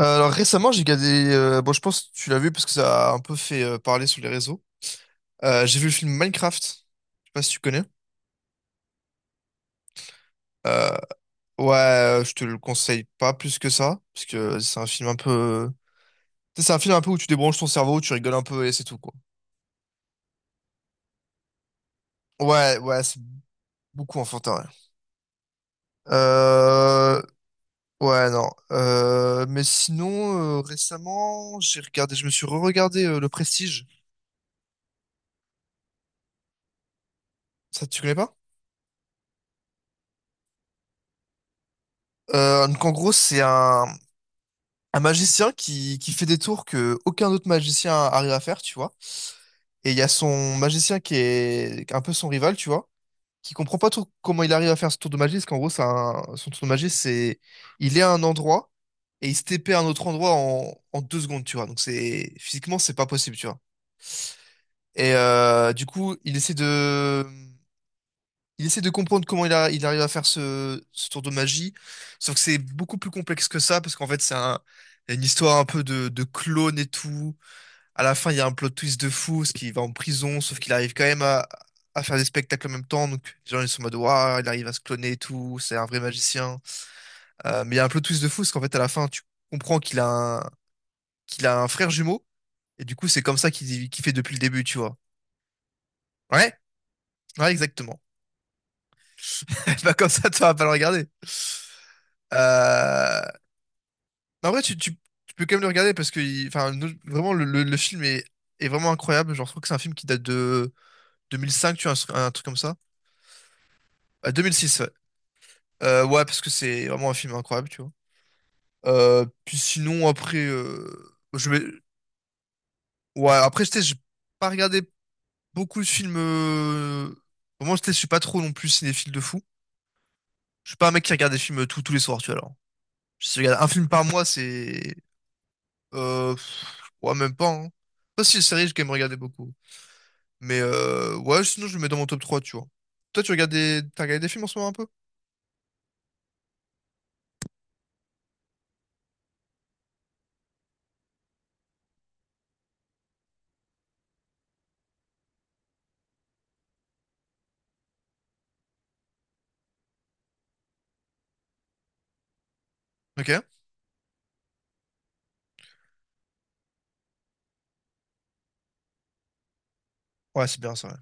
Alors récemment, j'ai regardé. Je pense que tu l'as vu parce que ça a un peu fait parler sur les réseaux. J'ai vu le film Minecraft. Je sais pas si tu connais. Euh, ouais, je te le conseille pas plus que ça parce que c'est un film un peu. C'est un film un peu où tu débranches ton cerveau, tu rigoles un peu et c'est tout quoi. Ouais, ouais, c'est beaucoup enfantin. Ouais, ouais, non. Mais sinon, récemment, j'ai regardé. Je me suis re-regardé Le Prestige. Ça, tu connais pas? Donc en gros, c'est un magicien qui fait des tours que aucun autre magicien arrive à faire, tu vois. Et il y a son magicien qui est un peu son rival, tu vois, qui comprend pas trop comment il arrive à faire ce tour de magie, parce qu'en gros, son tour de magie, c'est il est à un endroit et il se TP à un autre endroit en deux secondes, tu vois. Donc c'est physiquement, c'est pas possible, tu vois. Et du coup, il essaie de comprendre comment il arrive à faire ce tour de magie, sauf que c'est beaucoup plus complexe que ça, parce qu'en fait, une histoire un peu de clone et tout. À la fin, il y a un plot twist de fou, ce qu'il va en prison, sauf qu'il arrive quand même à faire des spectacles en même temps. Donc, les gens, ils sont en mode, waouh, il arrive à se cloner et tout, c'est un vrai magicien. Mais il y a un plot twist de fou, parce qu'en fait, à la fin, tu comprends qu'il a un frère jumeau, et du coup, c'est comme ça qu'il fait depuis le début, tu vois. Ouais, ouais, exactement. Pas comme ça, tu vas pas le regarder. Euh... En vrai, tu peux quand même le regarder parce que vraiment, le film est, est vraiment incroyable. Genre, je trouve que c'est un film qui date de 2005, tu vois, un truc comme ça. 2006, ouais. Ouais, parce que c'est vraiment un film incroyable, tu vois. Puis sinon, après, je vais... Ouais, après, je sais, j'ai pas regardé beaucoup de films... Vraiment, je sais, je suis pas trop non plus cinéphile de fou. Je suis pas un mec qui regarde des films tous les soirs, tu vois, alors. Si je regarde un film par mois, c'est... Euh... pff, Ouais, même pas, hein. Pas si les séries, j'ai quand même regardé beaucoup. Ouais, sinon, je le mets dans mon top 3 tu vois. Toi, tu regardes des... T'as regardé des films en ce moment un peu? Ok. Ouais, c'est bien ça,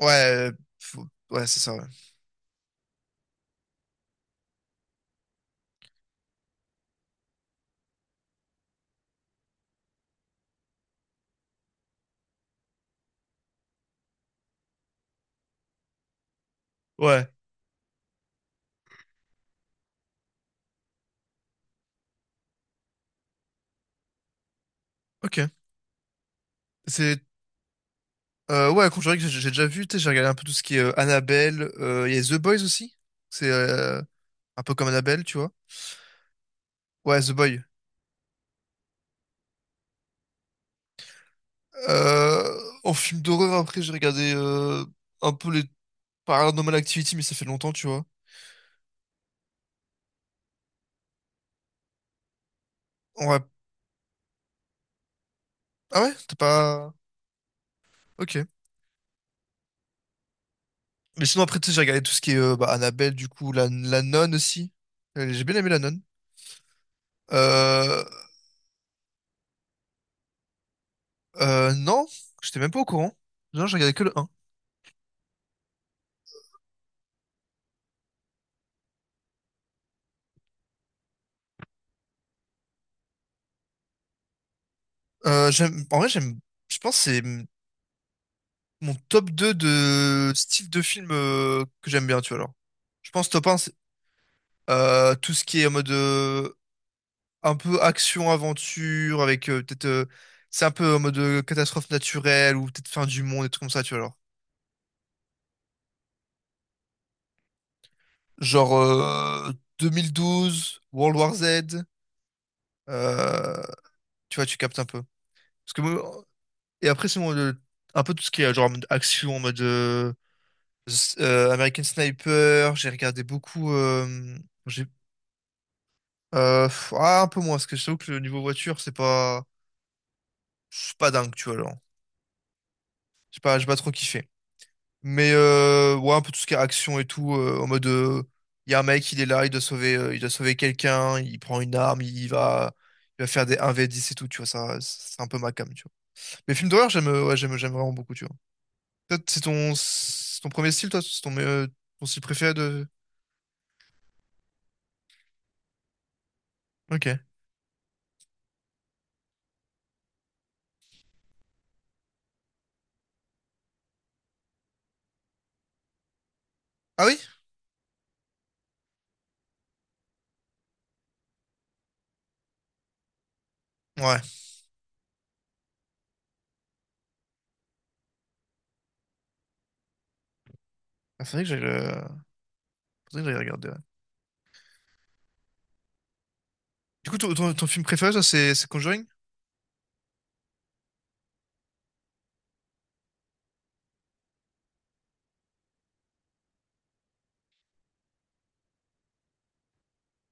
ouais. Ouais, ouais, c'est ça, ouais. Ouais, ok. C'est Ouais, Conjuring, j'ai déjà vu, tu sais, j'ai regardé un peu tout ce qui est Annabelle, il y a The Boys aussi, c'est un peu comme Annabelle, tu vois. Ouais, The Boy. En film d'horreur, après, j'ai regardé un peu les Paranormal Activity, mais ça fait longtemps, tu vois. Ouais. Ah ouais, t'as pas... Ok. Mais sinon, après, tu sais, j'ai regardé tout ce qui est bah, Annabelle, du coup, la nonne aussi. J'ai bien aimé la nonne. Euh, non, j'étais même pas au courant. Non, j'ai regardé que le un. J'aime, en vrai, j'aime, je pense que c'est mon top 2 de style de film que j'aime bien, tu vois, alors. Je pense top un c'est tout ce qui est en mode un peu action-aventure, avec peut-être... c'est un peu en mode catastrophe naturelle, ou peut-être fin du monde, des trucs comme ça, tu vois, alors. Genre 2012, World War Z, euh, tu vois, tu captes un peu. Parce que, moi- et après, c'est mon, le- Un peu tout ce qui est genre en mode action, en mode American Sniper, j'ai regardé beaucoup... j'ai- Un peu moins, parce que je t'avoue que le niveau voiture, c'est pas dingue, tu vois, genre. J'ai pas trop kiffé. Mais, ouais, un peu tout ce qui est action et tout, en mode, y a un mec, il est là, il doit sauver quelqu'un, il prend une arme, il va faire des 1v10 et tout, tu vois, ça, c'est un peu ma came, tu vois. Mais films d'horreur, j'aime, ouais, j'aime, j'aime vraiment beaucoup, tu vois. C'est ton premier style, toi, c'est ton, ton style préféré de, ok. Ah oui? Ouais. Ah, faudrait que j'aille, le- Faudrait que j'aille regarder, ouais. Du coup, ton film préféré, ça, c'est Conjuring?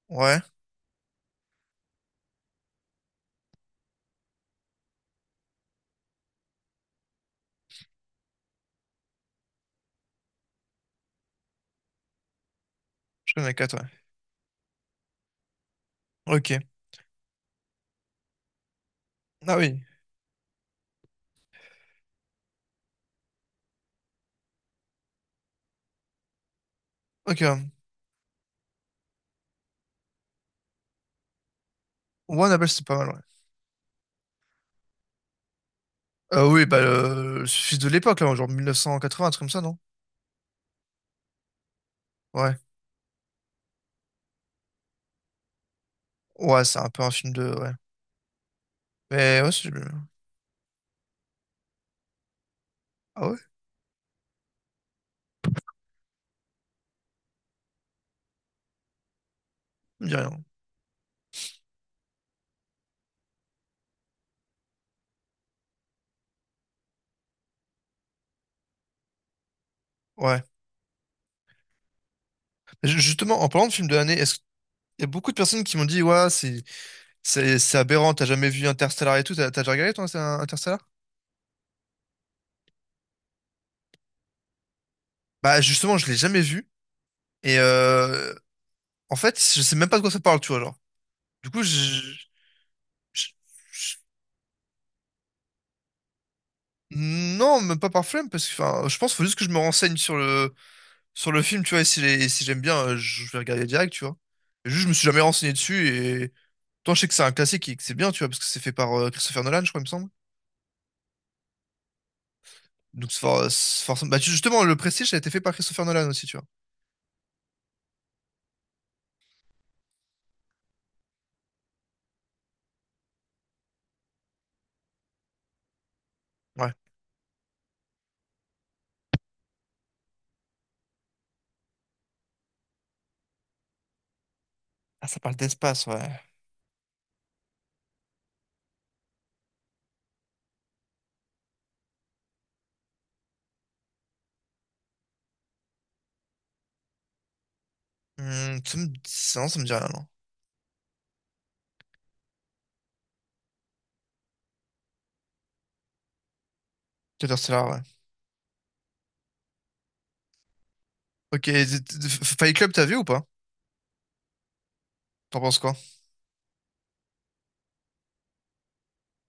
Ouais. Je connais quatre, ouais. Ok. Ah oui. Ok. Ouais. One Apple, c'est pas mal, ouais. Oui, bah, le fils de l'époque, là, genre 1980, un truc comme ça, non? Ouais. Ouais, c'est un peu un film de. Ouais. Mais ouais, c'est. Ah ouais? Je me dis rien. Ouais. Justement, en parlant de film de l'année, est-ce qu'il y a beaucoup de personnes qui m'ont dit, ouais, c'est aberrant, t'as jamais vu Interstellar et tout, t'as déjà regardé, toi, Interstellar? Bah, justement, je l'ai jamais vu. Et en fait, je sais même pas de quoi ça parle, tu vois, genre. Du coup, je, non, même pas par flemme, parce que enfin, je pense qu'il faut juste que je me renseigne sur le film, tu vois, et si, si j'aime bien, je vais regarder direct, tu vois. Et juste, je me suis jamais renseigné dessus, et toi, je sais que c'est un classique et que c'est bien, tu vois, parce que c'est fait par Christopher Nolan, je crois, il me semble. Donc, c'est forcément. Justement, le Prestige ça a été fait par Christopher Nolan aussi, tu vois. Ouais. Ah, ça parle d'espace, ouais. Hmm, non, ça me dit rien, non. Interstellar, ouais. Ok, et Fight Club, t'as vu ou pas? T'en penses quoi?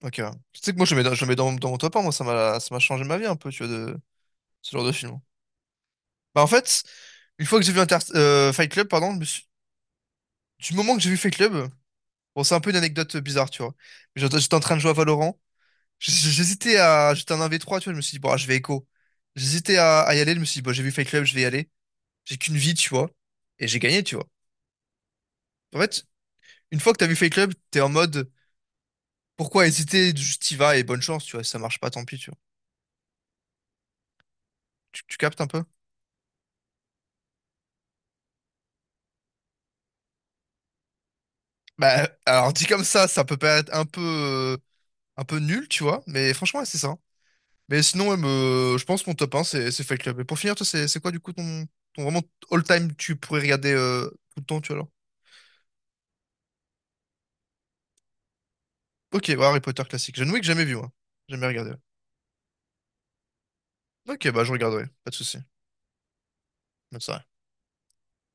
Ok, ouais. Tu sais que moi, je le mets dans mon top 1, moi, ça m'a changé ma vie un peu, tu vois, de ce genre de film. Bah en fait, une fois que j'ai vu Fight Club, pardon, du moment que j'ai vu Fight Club, bon c'est un peu une anecdote bizarre, tu vois. Mais j'étais en train de jouer à Valorant. J'hésitais à, j'étais en 1 v trois tu vois, je me suis dit bon ah, je vais écho. À y aller, je me suis dit bon j'ai vu Fight Club, je vais y aller. J'ai qu'une vie, tu vois, et j'ai gagné, tu vois. En fait, une fois que t'as vu Fight Club, t'es en mode pourquoi hésiter, juste y vas et bonne chance, tu vois. Si ça marche pas, tant pis, tu vois. Tu captes un peu? Bah alors dit comme ça peut paraître un peu nul, tu vois, mais franchement ouais, c'est ça. Mais sinon, ouais, je pense que mon top 1, c'est Fight Club. Et pour finir, toi, c'est quoi du coup ton, ton vraiment all-time tu pourrais regarder tout le temps, tu vois, alors? Ok, bah, Harry Potter classique. John Wick, jamais vu, moi. Jamais regardé. Ouais. Ok, bah je regarderai, pas de souci. Même ça.